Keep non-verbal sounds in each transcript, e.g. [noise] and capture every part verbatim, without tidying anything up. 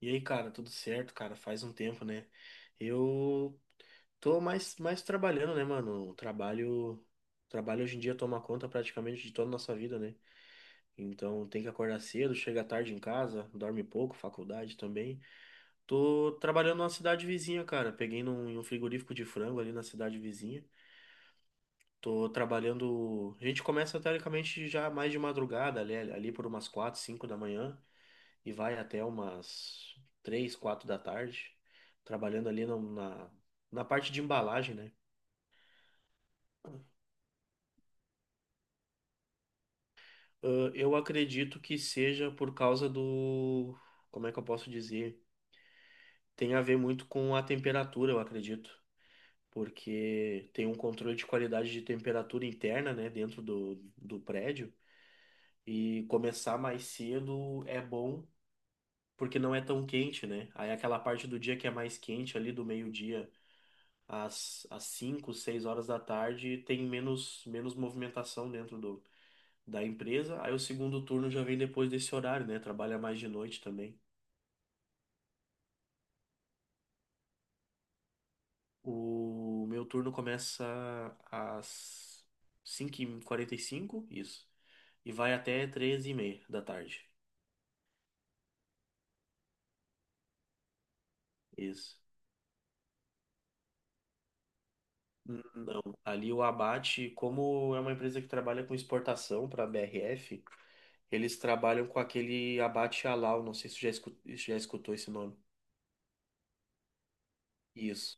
E aí, cara, tudo certo, cara? Faz um tempo, né? Eu tô mais, mais trabalhando, né, mano? O trabalho, o trabalho hoje em dia toma conta praticamente de toda a nossa vida, né? Então tem que acordar cedo, chega tarde em casa, dorme pouco, faculdade também. Tô trabalhando numa cidade vizinha, cara. Peguei num, em um frigorífico de frango ali na cidade vizinha. Tô trabalhando. A gente começa teoricamente já mais de madrugada, ali, ali por umas quatro, cinco da manhã e vai até umas três, quatro da tarde, trabalhando ali na, na, na parte de embalagem, né? Ah, eu acredito que seja por causa do. Como é que eu posso dizer? Tem a ver muito com a temperatura, eu acredito. Porque tem um controle de qualidade de temperatura interna, né, dentro do, do prédio. E começar mais cedo é bom, porque não é tão quente, né? Aí aquela parte do dia que é mais quente, ali do meio-dia às, às cinco, seis horas da tarde tem menos, menos movimentação dentro do, da empresa. Aí o segundo turno já vem depois desse horário, né? Trabalha mais de noite também. O meu turno começa às cinco e quarenta e cinco, isso. E vai até treze e meia da tarde. Isso. N- Não, ali o abate, como é uma empresa que trabalha com exportação para B R F, eles trabalham com aquele abate halal, não sei se você já escu- já escutou esse nome. Isso.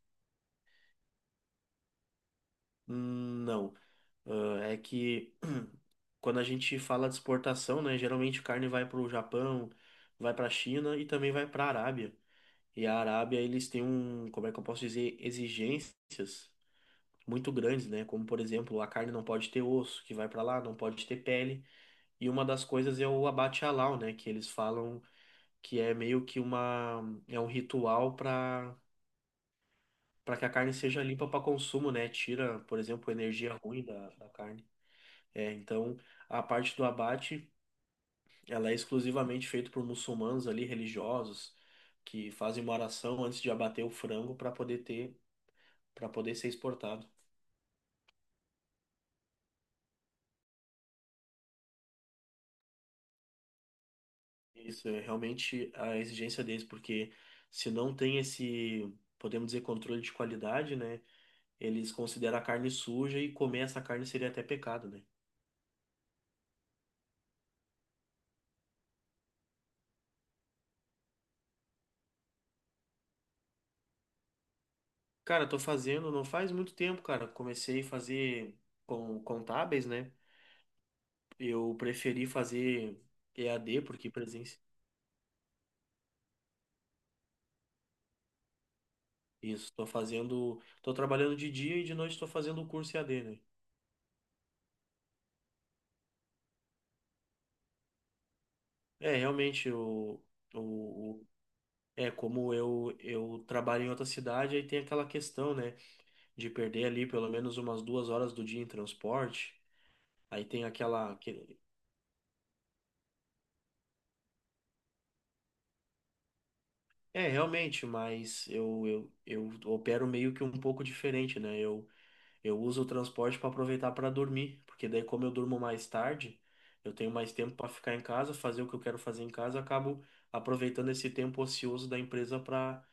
Hum. Não. Ah, é que [clears throat] quando a gente fala de exportação, né, geralmente carne vai para o Japão, vai para a China e também vai para a Arábia. E a Arábia, eles têm um, como é que eu posso dizer, exigências muito grandes, né? Como, por exemplo, a carne não pode ter osso, que vai para lá, não pode ter pele. E uma das coisas é o abate halal, né, que eles falam que é meio que uma, é um ritual para para que a carne seja limpa para consumo, né? Tira, por exemplo, energia ruim da, da carne. É, então a parte do abate, ela é exclusivamente feita por muçulmanos ali religiosos que fazem uma oração antes de abater o frango para poder ter, para poder ser exportado. Isso é realmente a exigência deles, porque se não tem esse, podemos dizer, controle de qualidade, né? Eles consideram a carne suja e comer essa carne seria até pecado, né? Cara, tô fazendo, não faz muito tempo, cara. Comecei a fazer com contábeis, né? Eu preferi fazer E A D, porque presença. Isso, estou fazendo, estou trabalhando de dia e de noite estou fazendo o curso E A D, né? É, realmente, o, o, o- é como eu, eu trabalho em outra cidade, aí tem aquela questão, né, de perder ali pelo menos umas duas horas do dia em transporte, aí tem aquela, que é, realmente, mas eu, eu, eu opero meio que um pouco diferente, né? eu Eu uso o transporte para aproveitar para dormir, porque daí como eu durmo mais tarde, eu tenho mais tempo para ficar em casa, fazer o que eu quero fazer em casa, eu acabo aproveitando esse tempo ocioso da empresa para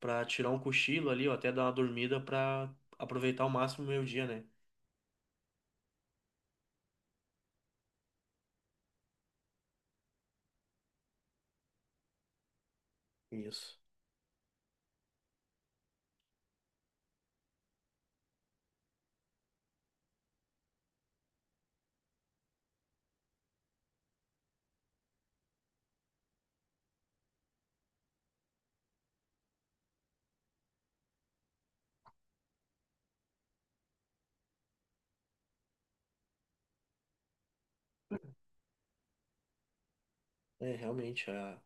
para tirar um cochilo ali, ou até dar uma dormida para aproveitar ao máximo o meu dia, né? Isso. É, realmente, a,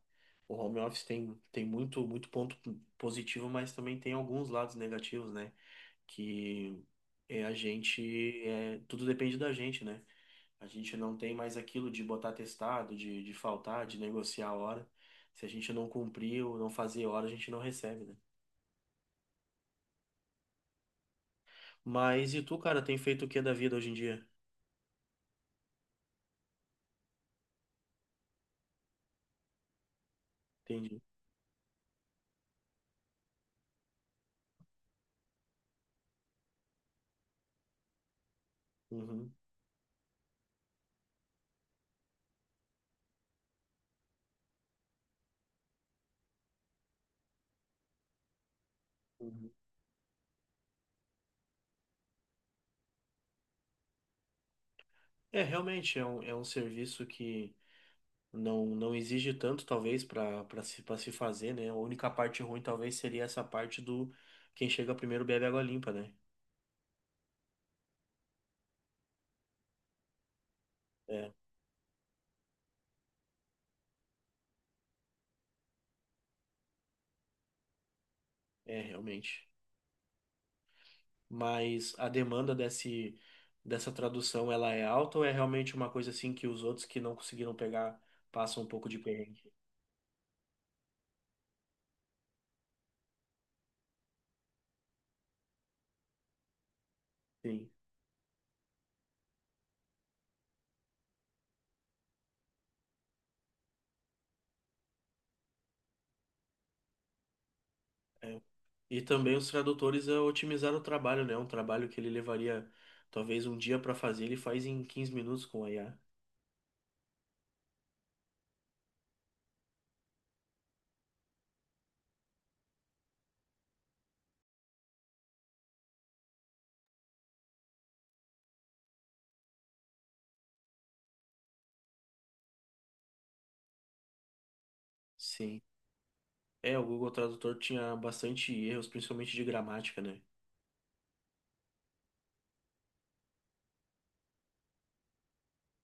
o home office tem, tem muito, muito ponto positivo, mas também tem alguns lados negativos, né? Que é a gente, é, tudo depende da gente, né? A gente não tem mais aquilo de botar testado, de, de faltar, de negociar a hora. Se a gente não cumprir ou não fazer hora, a gente não recebe, né? Mas e tu, cara, tem feito o que da vida hoje em dia? Entendi. Uhum, uhum. É, realmente, é um, é um serviço que não, não exige tanto, talvez, para para se, para se fazer, né? A única parte ruim, talvez, seria essa parte do quem chega primeiro bebe água limpa, né? É, é, realmente. Mas a demanda desse, dessa tradução ela é alta ou é realmente uma coisa assim que os outros que não conseguiram pegar passam um pouco de perrengue? Sim. É. E também os tradutores é, otimizaram o trabalho, né? Um trabalho que ele levaria talvez um dia para fazer, ele faz em quinze minutos com a I A. Sim. É, o Google Tradutor tinha bastante erros, principalmente de gramática, né?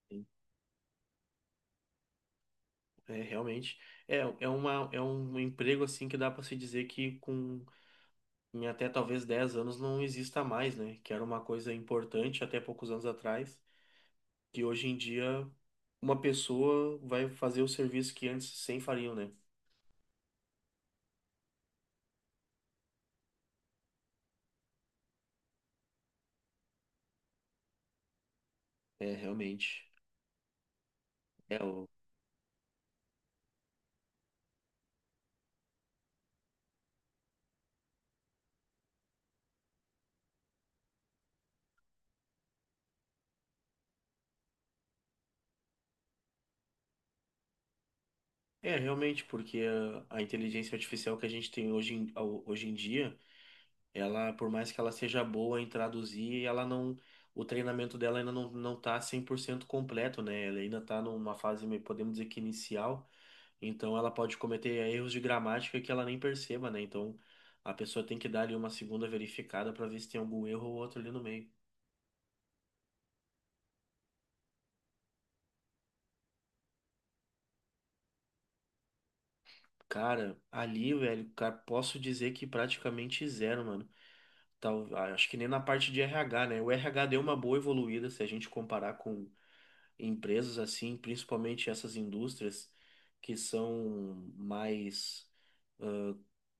Sim. É, realmente. É, é uma, é um emprego assim que dá para se dizer que com em até talvez dez anos não exista mais, né? Que era uma coisa importante até poucos anos atrás, que hoje em dia uma pessoa vai fazer o serviço que antes cem fariam, né? É, realmente. É, o... É realmente, porque a, a inteligência artificial que a gente tem hoje em, ao- hoje em dia, ela, por mais que ela seja boa em traduzir, ela não. O treinamento dela ainda não, não tá cem por cento completo, né? Ela ainda tá numa fase, meio- podemos dizer que inicial. Então ela pode cometer erros de gramática que ela nem perceba, né? Então a pessoa tem que dar ali uma segunda verificada para ver se tem algum erro ou outro ali no meio. Cara, ali, velho, cara, posso dizer que praticamente zero, mano. Tal, ah, acho que nem na parte de R H, né? O R H deu uma boa evoluída se a gente comparar com empresas assim, principalmente essas indústrias que são mais ah,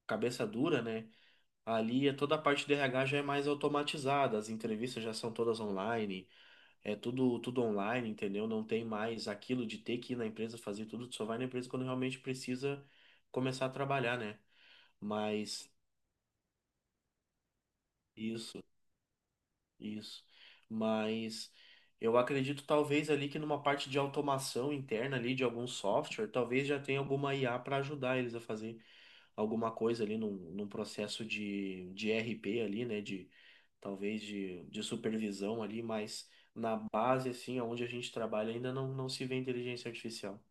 cabeça dura, né? Ali é toda a parte do R H já é mais automatizada, as entrevistas já são todas online. É tudo, tudo online, entendeu? Não tem mais aquilo de ter que ir na empresa fazer tudo, tu só vai na empresa quando realmente precisa começar a trabalhar, né? Mas isso, isso. Mas eu acredito talvez ali que numa parte de automação interna ali de algum software, talvez já tenha alguma I A para ajudar eles a fazer alguma coisa ali num, num processo de, de R P ali, né? De talvez de, de supervisão ali, mas na base assim, onde a gente trabalha ainda não, não se vê inteligência artificial.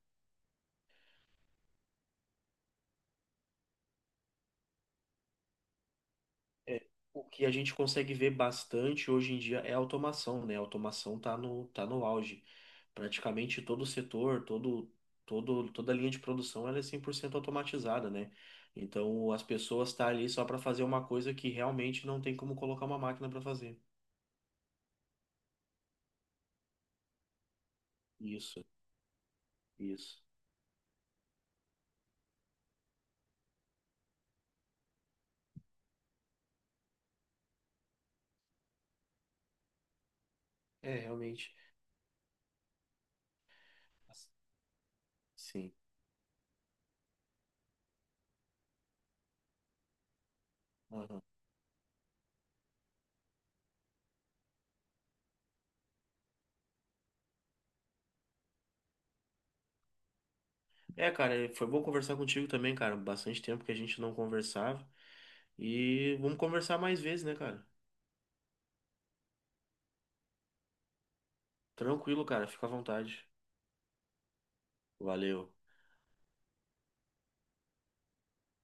É, o que a gente consegue ver bastante hoje em dia é a automação, né? A automação tá no, tá no auge. Praticamente todo o setor, todo, todo, toda a linha de produção, ela é cem por cento automatizada, né? Então, as pessoas estão ali só para fazer uma coisa que realmente não tem como colocar uma máquina para fazer. Isso, isso. É, realmente. Sim. Aham. É, cara, foi bom conversar contigo também, cara. Bastante tempo que a gente não conversava. E vamos conversar mais vezes, né, cara? Tranquilo, cara. Fica à vontade. Valeu.